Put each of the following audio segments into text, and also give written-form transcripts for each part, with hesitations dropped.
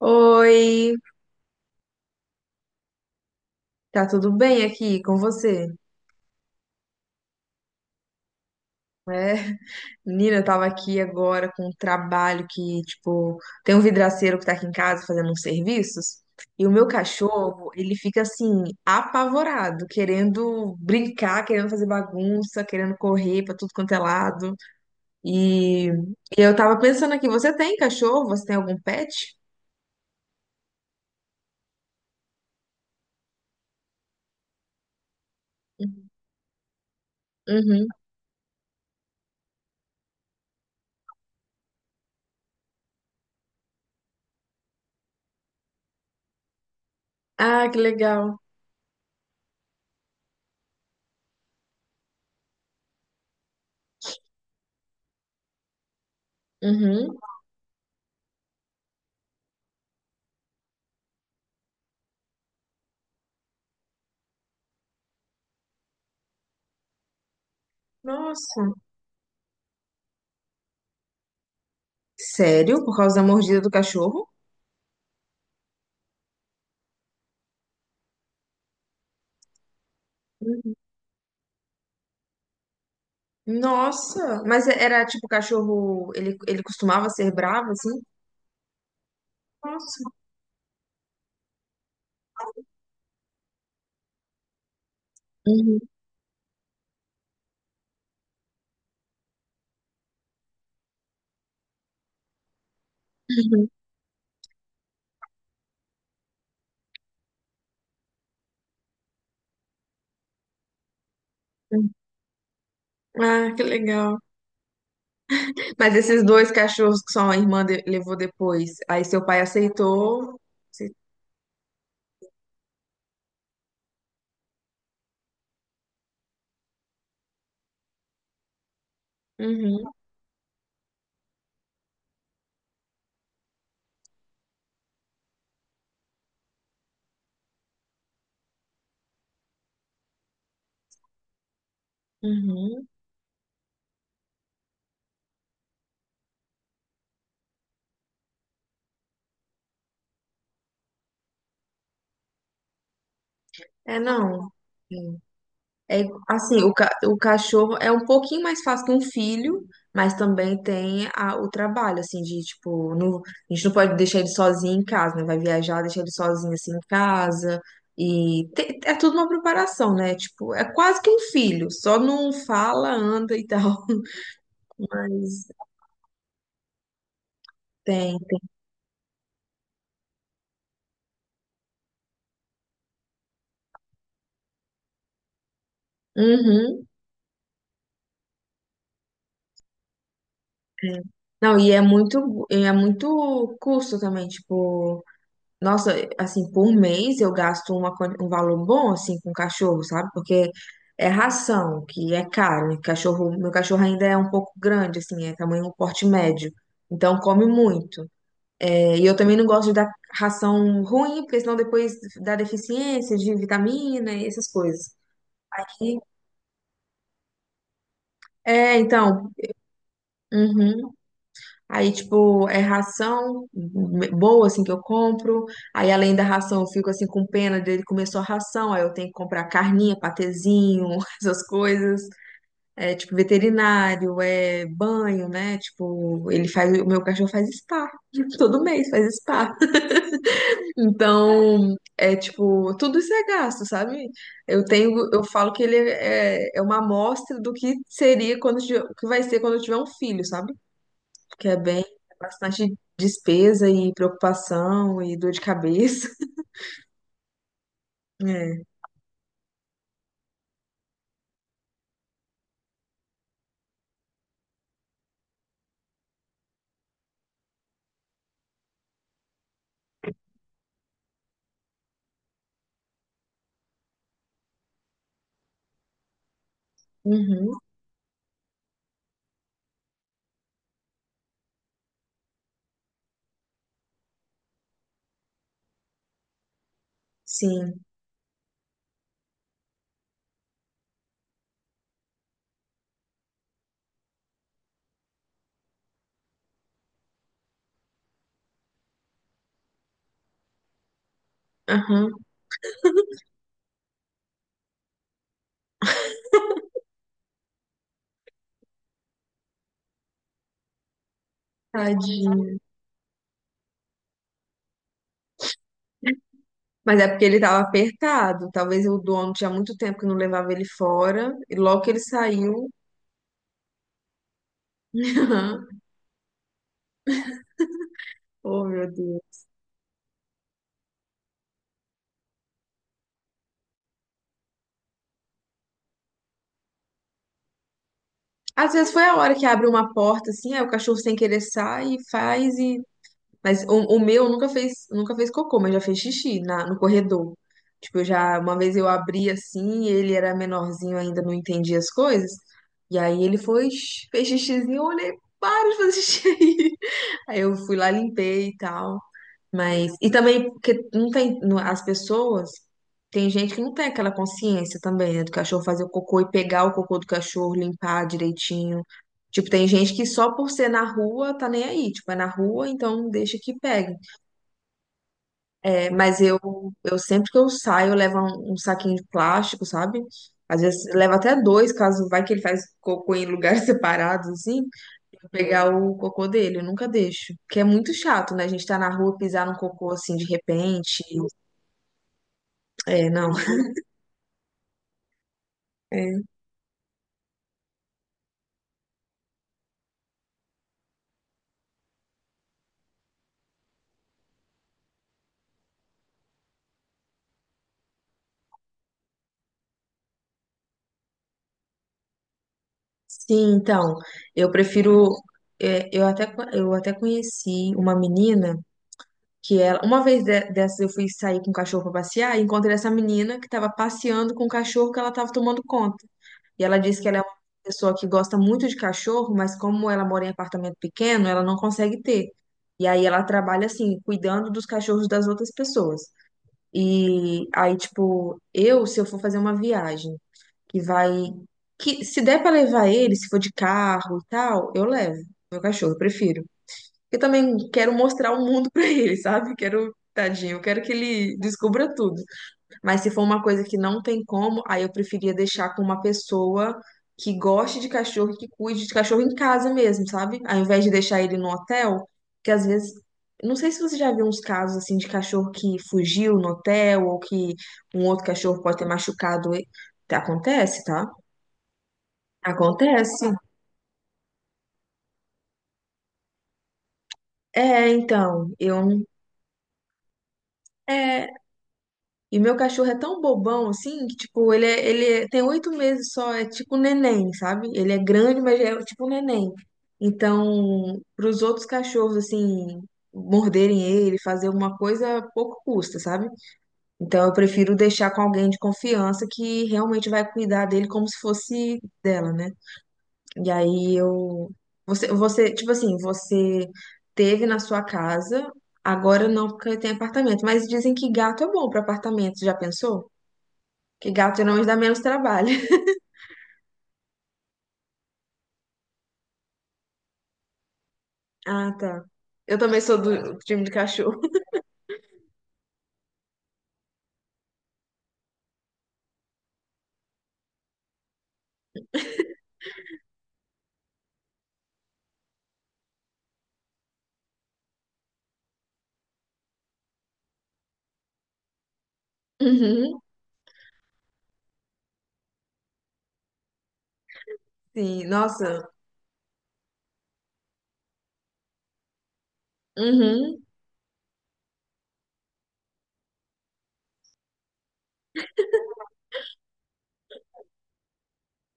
Oi, tá tudo bem aqui com você? É, menina, eu tava aqui agora com um trabalho que, tipo, tem um vidraceiro que tá aqui em casa fazendo uns serviços e o meu cachorro, ele fica assim, apavorado, querendo brincar, querendo fazer bagunça, querendo correr pra tudo quanto é lado. E, e eu tava pensando aqui, você tem cachorro? Você tem algum pet? Uhum. Ah, que legal. Uhum. Nossa. Sério? Por causa da mordida do cachorro? Nossa, mas é, era tipo cachorro, ele costumava ser bravo assim? Nossa. Uhum, uhum, uhum. Ah, que legal. Mas esses dois cachorros que sua irmã levou depois, aí seu pai aceitou? Acei- Uhum, uhum. É, não. É, assim, o cachorro é um pouquinho mais fácil que um filho, mas também tem o trabalho, assim, de, tipo, a gente não pode deixar ele sozinho em casa, né? Vai viajar, deixar ele sozinho, assim, em casa. E é tudo uma preparação, né? Tipo, é quase que um filho, só não fala, anda e tal, mas tem. Uhum. É. Não, e é muito custo também, tipo. Nossa, assim, por um mês eu gasto uma, um valor bom, assim, com cachorro, sabe? Porque é ração, que é caro. E cachorro, meu cachorro ainda é um pouco grande, assim, é tamanho porte médio. Então come muito. E eu também não gosto de dar ração ruim, porque senão depois dá deficiência de vitamina e essas coisas. E- é, então, uhum. Aí, tipo, é ração boa, assim, que eu compro. Aí, além da ração, eu fico, assim, com pena dele comer só ração. Aí, eu tenho que comprar carninha, patezinho, essas coisas. É, tipo, veterinário, é banho, né? Tipo, ele faz, o meu cachorro faz spa. Todo mês faz spa. Então, é, tipo, tudo isso é gasto, sabe? Eu tenho, eu falo que ele é, é uma amostra do que seria quando, que vai ser quando eu tiver um filho, sabe? Que é bem, é bastante despesa e preocupação e dor de cabeça. É. Uhum, sim. Aham, tadinho. Mas é porque ele estava apertado. Talvez o dono tinha muito tempo que não levava ele fora. E logo que ele saiu. Oh, meu Deus. Às vezes foi a hora que abre uma porta assim, aí o cachorro sem querer sai e faz e Mas o meu nunca fez, nunca fez cocô, mas já fez xixi no corredor. Tipo, eu já uma vez eu abri assim, e ele era menorzinho ainda, não entendia as coisas. E aí ele foi, fez xixizinho, eu olhei, para de fazer xixi aí. Aí eu fui lá, limpei e tal. Mas, e também, porque não tem, as pessoas, tem gente que não tem aquela consciência também, né, do cachorro fazer o cocô e pegar o cocô do cachorro, limpar direitinho. Tipo, tem gente que só por ser na rua tá nem aí, tipo, é na rua, então deixa que pegue. É, mas eu sempre que eu saio, eu levo um saquinho de plástico, sabe? Às vezes leva até dois, caso vai que ele faz cocô em lugares separados, assim, pra pegar o cocô dele, eu nunca deixo. Porque é muito chato, né? A gente tá na rua pisar num cocô assim de repente. É, não. É. Sim, então, eu prefiro. É, eu até, eu até conheci uma menina que ela. Uma vez dessas eu fui sair com o cachorro pra passear e encontrei essa menina que tava passeando com o cachorro que ela tava tomando conta. E ela disse que ela é uma pessoa que gosta muito de cachorro, mas como ela mora em apartamento pequeno, ela não consegue ter. E aí ela trabalha assim, cuidando dos cachorros das outras pessoas. E aí, tipo, eu, se eu for fazer uma viagem. Que vai. Que se der pra levar ele, se for de carro e tal, eu levo. Meu cachorro, eu prefiro. Eu também quero mostrar o mundo pra ele, sabe? Quero, tadinho, eu quero que ele descubra tudo. Mas se for uma coisa que não tem como, aí eu preferia deixar com uma pessoa que goste de cachorro, e que cuide de cachorro em casa mesmo, sabe? Ao invés de deixar ele no hotel, que às vezes. Não sei se você já viu uns casos assim de cachorro que fugiu no hotel ou que um outro cachorro pode ter machucado ele. Acontece, tá? Acontece. É, então, eu. É, e meu cachorro é tão bobão assim que, tipo, ele, é, tem 8 meses só, é tipo um neném, sabe? Ele é grande, mas é tipo um neném. Então, para os outros cachorros, assim, morderem ele, fazer alguma coisa, pouco custa, sabe? Então, eu prefiro deixar com alguém de confiança que realmente vai cuidar dele como se fosse dela, né? E aí eu. Você, tipo assim, você teve na sua casa, agora não porque tem apartamento, mas dizem que gato é bom para apartamento, já pensou? Que gato geralmente dá menos trabalho. Ah, tá. Eu também sou do time de cachorro. Uhum, sim, nossa. Uhum,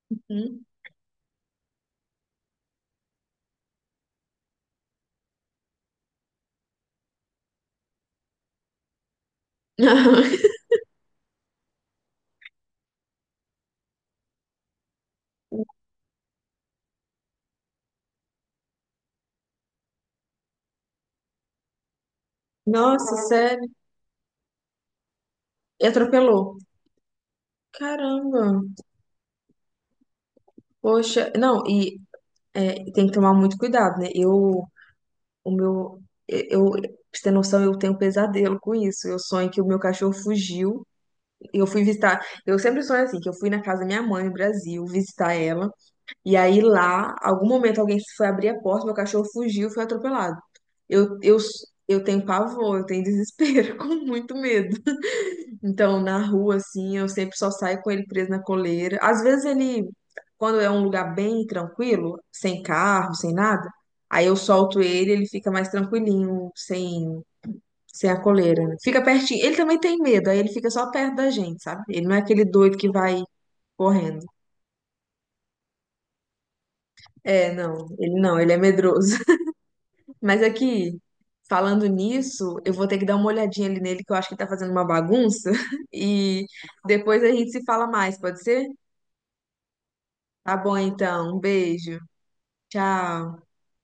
uhum. Nossa, sério. E atropelou. Caramba. Poxa, não, e é, tem que tomar muito cuidado, né? Eu o meu, eu, pra você ter noção, eu tenho um pesadelo com isso. Eu sonho que o meu cachorro fugiu. Eu fui visitar. Eu sempre sonho assim, que eu fui na casa da minha mãe no Brasil visitar ela. E aí lá, algum momento alguém foi abrir a porta, meu cachorro fugiu, e foi atropelado. Eu, eu, eu tenho pavor, eu tenho desespero, com muito medo. Então, na rua, assim, eu sempre só saio com ele preso na coleira. Às vezes ele, quando é um lugar bem tranquilo, sem carro, sem nada, aí eu solto ele, ele fica mais tranquilinho, sem a coleira, né? Fica pertinho. Ele também tem medo, aí ele fica só perto da gente, sabe? Ele não é aquele doido que vai correndo. É, não, ele não, ele é medroso. Mas aqui, falando nisso, eu vou ter que dar uma olhadinha ali nele, que eu acho que ele tá fazendo uma bagunça. E depois a gente se fala mais, pode ser? Tá bom, então. Um beijo. Tchau.